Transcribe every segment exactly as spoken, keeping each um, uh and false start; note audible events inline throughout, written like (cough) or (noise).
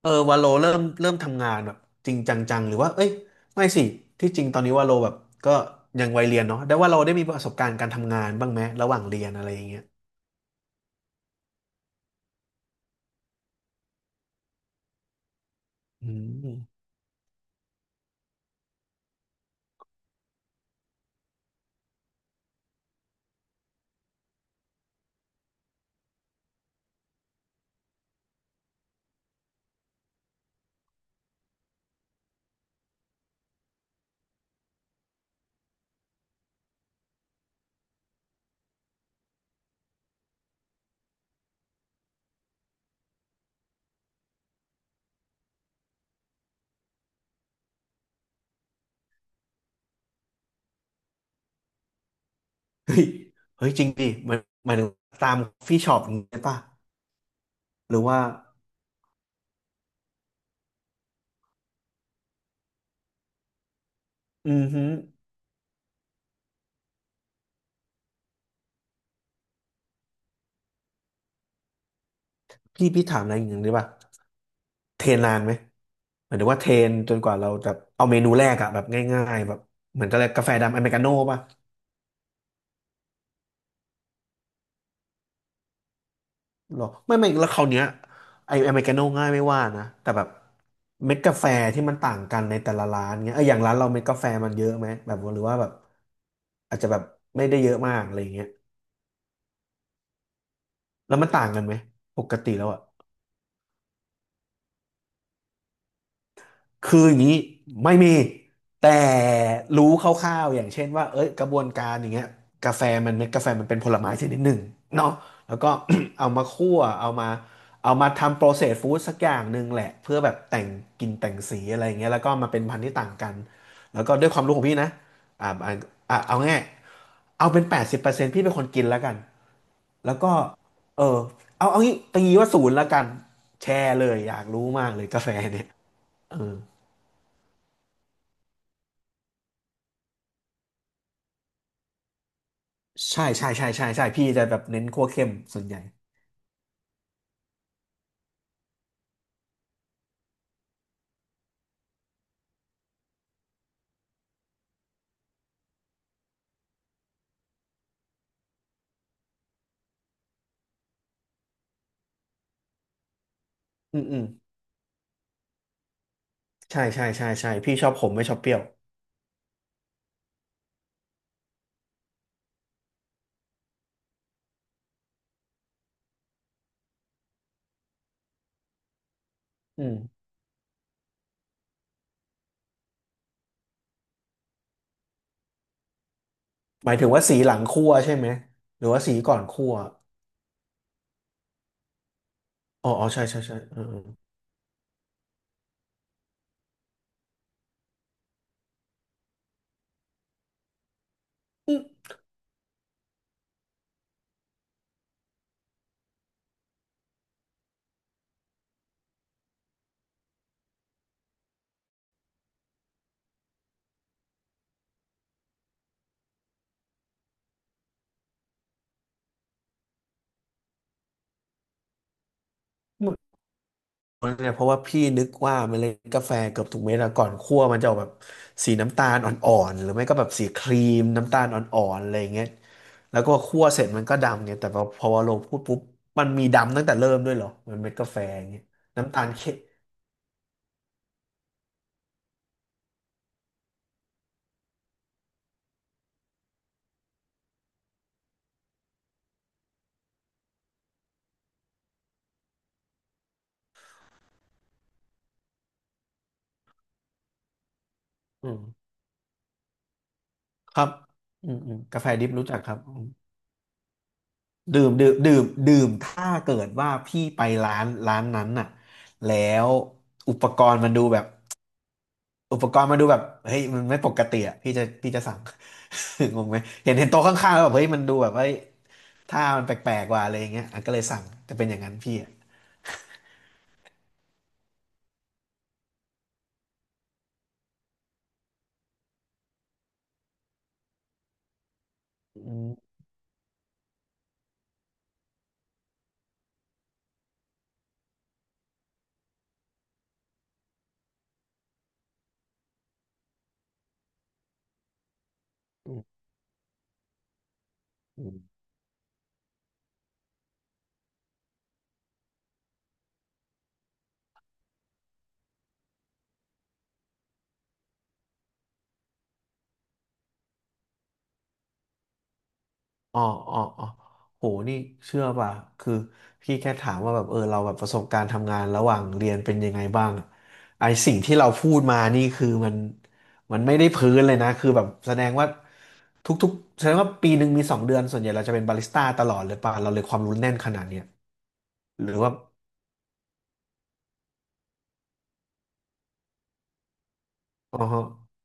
เออวาโลเริ่มเริ่มทำงานแบบจริงจังๆหรือว่าเอ้ยไม่สิที่จริงตอนนี้วาโลแบบก็ยังวัยเรียนเนาะแต่ว่าเราได้มีประสบการณ์การทำงานบ้างไหมระหว่างเรียนอะไรอย่างเงี้ยอืมเฮ้ยเฮ้ยจริงดิมันหมายถึงตามฟี่ช็อปอย่างเงี้ยป่ะหรือว่าอืมฮึพี่พี่ถามอะไรอย่างเงี้ยได้ป่ะเทรนนานไหมหมายถึงว่าเทรนจนกว่าเราจะเอาเมนูแรกอะแบบง่ายๆแบบเหมือนกับอะไรกาแฟดำอเมริกาโน่ป่ะ หรอไม่ไม่แล้วคราวเนี้ยไออเมริกาโน่ง่ายไม่ว่านะแต่แบบเม็ดกาแฟที่มันต่างกันในแต่ละร้านเงี้ยเอออย่างร้านเราเม็ดกาแฟมันเยอะไหมแบบหรือว่าแบบอาจจะแบบไม่ได้เยอะมากอะไรเงี้ยแล้วมันต่างกันไหมปกติแล้วอะ คืออย่างนี้ไม่มีแต่รู้คร่าวๆอย่างเช่นว่าเอ้ยกระบวนการอย่างเงี้ยกาแฟมันเม็ดกาแฟมันเป็นผลไม้ชนิดหนึ่งเนาะแล้วก็ (clears throat) เอามาคั่วเอามาเอามาทำโปรเซสฟู้ดสักอย่างหนึ่งแหละเพื่อแบบแต่งกลิ่นแต่งสีอะไรอย่างเงี้ยแล้วก็มาเป็นพันธุ์ที่ต่างกันแล้วก็ด้วยความรู้ของพี่นะอ่าอ่าอ่าเอาง่ายเอาเป็นแปดสิบเปอร์เซ็นต์พี่เป็นคนกินแล้วกันแล้วก็เออเอาเอางี้ตีว่าศูนย์แล้วกันแชร์เลยอยากรู้มากเลยกาแฟเนี่ยเออ ใช่ใช่ใช่ใช่ใช่พี่จะแบบเน้นคั่วเข้มส่วนใหญ่อืมอืมใช่ใช่ใช่ใช่พี่ชอบขมไม่ชอบเปรี้ยวอืมหมายถึงว่าสีหลังคั่วใช่ไหมหรือว่าสีก่อนคั่วอ๋ออ๋อใช่ใช่ใช่เออเอออืมเหมือนเนี่ยเพราะว่าพี่นึกว่าเมล็ดกาแฟเกือบทุกเม็ดอะก่อนคั่วมันจะออกแบบสีน้ำตาลอ่อนๆหรือไม่ก็แบบสีครีมน้ำตาลอ่อนๆอะไรอย่างเงี้ยแล้วก็คั่วเสร็จมันก็ดำเนี่ยแต่พอพอเราพูดปุ๊บมันมีดำตั้งแต่เริ่มด้วยเหรอมันเม็ดกาแฟอย่างเงี้ยน้ำตาลเข้ม ครับอืมอืมกาแฟดิบรู้จักครับอืมดื่มดื่มดื่มดื่มถ้าเกิดว่าพี่ไปร้านร้านนั้นน่ะแล้วอุปกรณ์มันดูแบบอุปกรณ์มันดูแบบเฮ้ยมันไม่ปกติอ่ะพี่จะพี่จะสั่ง (laughs) งงไหมเห็นเห็นโต๊ะข้างๆแล้วแบบเฮ้ยมันดูแบบเฮ้ยถ้ามันแปลกๆกว่าอะไรอย่างเงี้ยอ่ะก็เลยสั่งจะเป็นอย่างนั้นพี่อ่ะอืมอืมอืม อ๋ออ๋ออ๋อโหนี่เชื่อป่ะ คือพี่แค่ถามว่าแบบเออเราแบบประสบการณ์ทำงานระหว่างเรียนเป็นยังไงบ้างอะไอสิ่งที่เราพูดมานี่คือมันมันไม่ได้พื้นเลยนะคือแบบแสดงว่าทุกๆแสดงว่าปีหนึ่งมีสองเดือนส่วนใหญ่เราจะเป็นบาริสต้าตลอดเลยป่ะเราเลยความรู้แน่นขนาดเนี้ยหรือว่าอ๋อ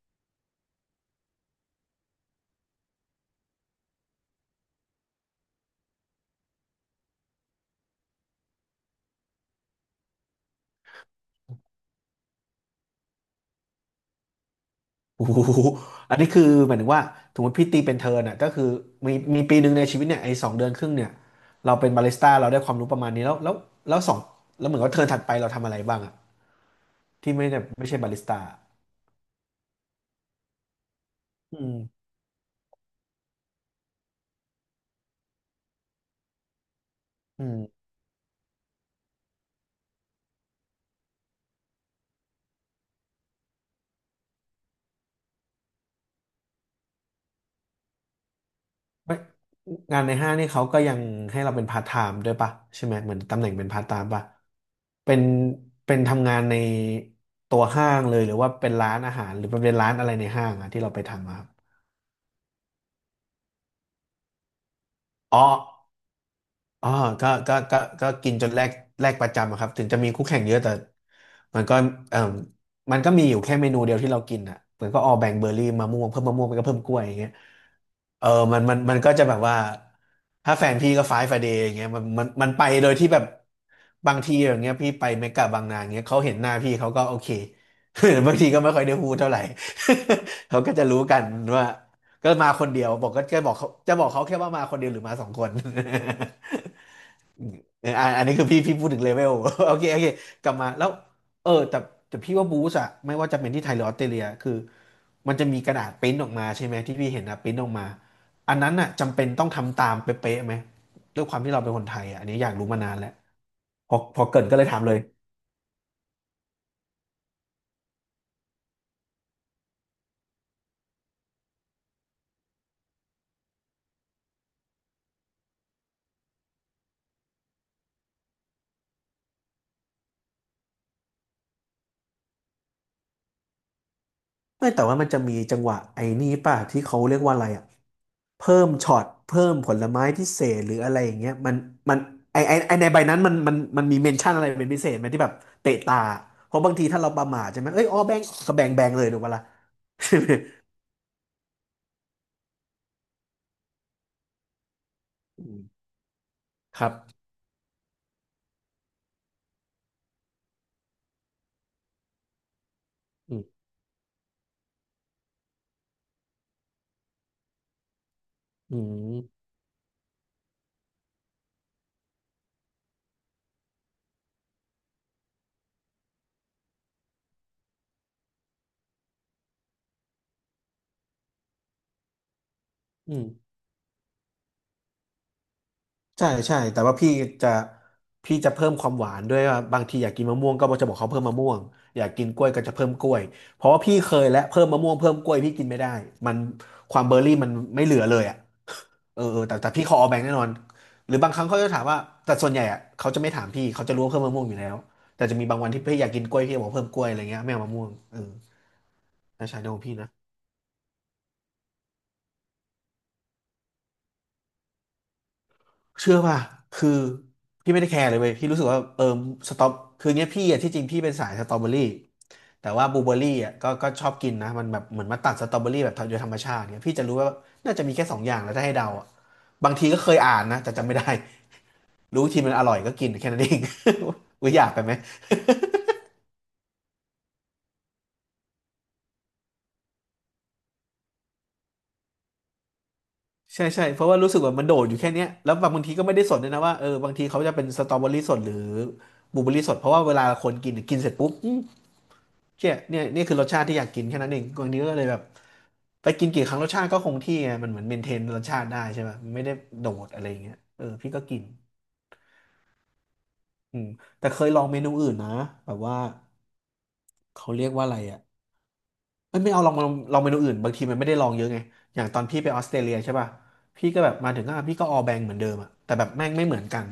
โอ้โหอันนี้คือหมายถึงว่าสมมติพี่ตีเป็นเทิร์นอ่ะก็คือมีมีปีหนึ่งในชีวิตเนี่ยไอ้สองเดือนครึ่งเนี่ยเราเป็นบาริสต้าเราได้ความรู้ประมาณนี้แล้วแล้วแล้วสองแล้วเหมือนว่าเทิร์นถัดไปเราทำอะไรบ้างอ่ะที่ไม่ได้ไม่ใช่บาริสต้าอืมอืมไม่งานในห้างนี่เขาก็ยังให้เราเป็นพาร์ทไทม์ด้วยปะใช่ไหมเหมือนตำแหน่งเป็นพาร์ทไทม์ปะเป็นเป็นทำงานในตัวห้างเลยหรือว่าเป็นร้านอาหารหรือเป็นร้านอะไรในห้างอะที่เราไปทำอะครับอ๋อ อ๋อก็ก็ก็ก็กินจนแลกแลกประจำอะครับถึงจะมีคู่แข่งเยอะแต่มันก็เอ่อมันก็มีอยู่แค่เมนูเดียวที่เรากินอ่ะเหมือนก็ออแบ่งเบอร์รี่มะม่วงเพิ่มมะม่วงไปก็เพิ่มกล้วยอย่างเงี้ยเออมันมันมันก็จะแบบว่าถ้าแฟนพี่ก็ไฟฟ์ไฟเดย์อย่างเงี้ยมันมันมันไปโดยที่แบบบางทีอย่างเงี้ยพี่ไปเมกะบางนาอย่างเงี้ยเขาเห็นหน้าพี่เขาก็โอเค (laughs) บางทีก็ไม่ค่อยได้พูดเท่าไหร่ (laughs) เขาก็จะรู้กันว่าก็มาคนเดียวบอกก็จะบอกเขาจะบอกเขาแค่ว่ามาคนเดียวหรือมาสองคน (laughs) เอออันอันนี้คือพี่พี่พูดถึงเลเวล (laughs) โอเคโอเคกลับมาแล้วเออแต่แต่พี่ว่าบูสอะไม่ว่าจะเป็นที่ไทยหรือออสเตรเลียคือมันจะมีกระดาษปริ้นออกมาใช่ไหมที่พี่เห็นนะปริ้นออกมาอันนั้นอะจำเป็นต้องทำตามเป๊ะๆไหมด้วยความที่เราเป็นคนไทยอะอันนี้อยากรู้มานานแล้วพอพอเกรินก็เลยถามเลย ไม่แต่ว่ามันจะมีจังหวะไอ้นี่ป่ะที่เขาเรียกว่าอะไรอ่ะเพิ่มช็อตเพิ่มผลไม้พิเศษหรืออะไรอย่างเงี้ยมันมันไอไอไอในใบนั้นมันมันมันมีเมนชั่นอะไรเป็นพิเศษไหมที่แบบเตะตาเพราะบางทีถ้าเราประมาทใช่ไหมเอ้ยอ๋อแบงก์ก็แบงแบงเลยถูกปะล่ะ (laughs) ใช่ไหม (laughs) อืมครับอืมอืมอืม ใช่ใช่แต่ว่าพี่จะพี่จะเพิ่มความหวานด้วยว่าบางทีอยากกินมะม่วงก็จะบอกเขาเพิ่มมะม่วงอยากกินกล้วยก็จะเพิ่มกล้วยเพราะว่าพี่เคยและเพิ่มมะม่วงเพิ่มกล้วยพี่กินไม่ได้มันความเบอร์รี่มันไม่เหลือเลยอ่ะเออเออแต่แต่พี่ขอเอาแบงค์แน่นอนหรือบางครั้งเขาจะถามว่าแต่ส่วนใหญ่อ่ะเขาจะไม่ถามพี่เขาจะรู้ว่าเพิ่มมะม่วงอยู่แล้วแต่จะมีบางวันที่พี่อยากกินกล้วยพี่บอกเพิ่มกล้วยอะไรเงี้ยไม่เอามะม่วงเออน่าใช้ของพี่นะเชื่อป่ะคือพี่ไม่ได้แคร์เลยเว้ยพี่รู้สึกว่าเออสตรอคือเนี้ยพี่อะที่จริงพี่เป็นสายสตรอเบอรี่ แต่ว่าบลูเบอร์รี่อ่ะก็ก็ชอบกินนะมันแบบเหมือนมาตัดสตรอเบอรี่แบบโดยธรรมชาติเนี่ยพี่จะรู้ว่าน่าจะมีแค่สองอย่างแล้วถ้าให้เดาอ่ะบางทีก็เคยอ่านนะแต่จำไม่ได้รู้ทีมันอร่อยก็กินแค่นั้นเอง (laughs) อุ้ยอยากไปไหมใช่ใช่เพราะว่ารู้สึกว่ามันโดดอยู่แค่เนี้ยแล้วบางทีก็ไม่ได้สดด้วยนะว่าเออบางทีเขาจะเป็นสตรอเบอรี่สดหรือบลูเบอร์ี่สดเพราะว่าเวลาคนกินกินเสร็จปุ๊บอืมเจ๊ยเนี่ยนี่คือรสชาติที่อยากกินแค่นั้นเองบางทีก็เลยแบบไปกินกี่ครั้งรสชาติก็คงที่ไงมันเหมือนเมนเทนรสชาติได้ใช่ไหมไม่ได้โดดอะไรอย่างเงี้ยเออพี่ก็กิน อืมแต่เคยลองเมนูอื่นนะแบบว่าเขาเรียกว่าอะไรอ่ะไม่ไม่เอาลองลองลองเมนูอื่นบางทีมันไม่ได้ลองเยอะไงอย่างตอนพี่ไปออสเตรเลียใช่ป่ะพี่ก็แบบมาถึงก็พี่ก็ออแบงเหมือนเดิมอ่ะแต่แบบแม่งไม่เหมือนกัน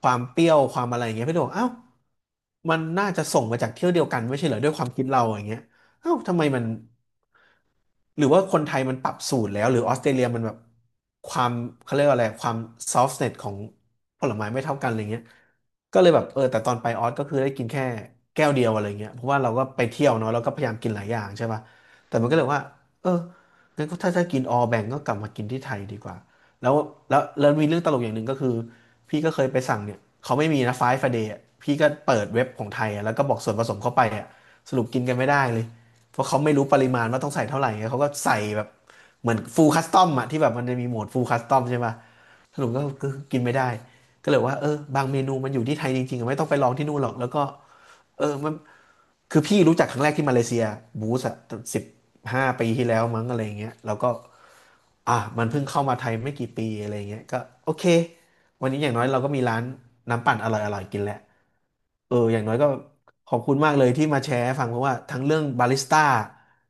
ความเปรี้ยวความอะไรอย่างเงี้ยพี่โดบอกเอ้ามันน่าจะส่งมาจากเที่ยวเดียวกันไม่ใช่เหรอด้วยความคิดเราอย่างเงี้ย เอ้าทำไมมันหรือว่าคนไทยมันปรับสูตรแล้วหรือออสเตรเลียมันแบบความเขาเรียกว่าอะไรความซอฟ t เน็ตของผลไม้ไม่เท่ากันอะไรเงี้ยก็เลยแบบเออแต่ตอนไปออสก็คือได้กินแค่แก้วเดียวอะไรเงี้ยเพราะว่าเราก็ไปเที่ยวเนาะเราก็พยายามกินหลายอย่างใช่ป่ะแต่มันก็เลยว่าเอองั้นก็ถ้าจะกินออแบ่งก็กลับมากินที่ไทยดีกว่าแล้วแล้วแล้วมีเรื่องตลกอย่างหนึ่งก็คือพี่ก็เคยไปสั่งเนี่ยเขาไม่มีนะไฟฟ์เดย์พี่ก็เปิดเว็บของไทยอะแล้วก็บอกส่วนผสมเข้าไปอ่ะสรุปกินกันไม่ได้เลย เพราะเขาไม่รู้ปริมาณว่าต้องใส่เท่าไหร่ไงเขาก็ใส่แบบเหมือนฟูลคัสตอมอะที่แบบมันจะมีโหมดฟูลคัสตอมใช่ป่ะสรุปก็ก็กินไม่ได้ก็เลยว่าเออบางเมนูมันอยู่ที่ไทยจริงๆอะไม่ต้องไปลองที่นู่นหรอกแล้วก็เออมันคือพี่รู้จักครั้งแรกที่มาเลเซียบูสอะสิบห้าปีที่แล้วมั้งอะไรอย่างเงี้ยแล้วก็อ่ะมันเพิ่งเข้ามาไทยไม่กี่ปีอะไรอย่างเงี้ยก็โอเควันนี้อย่างน้อยเราก็มีร้านน้ำปั่นอร่อยๆกินแหละ เอออย่างน้อยก็ขอบคุณมากเลยที่มาแชร์ให้ฟังเพราะว่าทั้งเรื่องบาริสต้า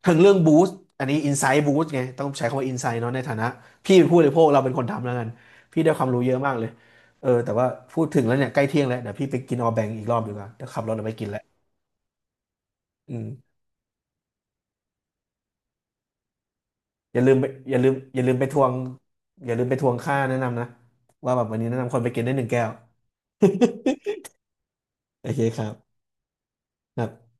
ทั้งเรื่องบูสต์อันนี้อินไซ h ์บูสต์ไงต้องใช้คำว่าอินไซ h ์เนาะในฐานะพี่เป็นผู้บริโภคเราเป็นคนทำแล้วกันพี่ได้ความรู้เยอะมากเลยเออแต่ว่าพูดถึงแล้วเนี่ยใกล้เที่ยงแล้วเดี๋ยวพี่ไปกินออแบงอีกรอบดีกว่าเดี๋ยวขับรถออกไปกินแล้วอืมอย่าลืมไปอย่าลืมอย่าลืมไปทวงอย่าลืมไปทวงค่าแนะนำนะว่าแบบวันนี้แนะนำคนไปกินได้หนึ่งแก้ว (laughs) โอเคครับครับ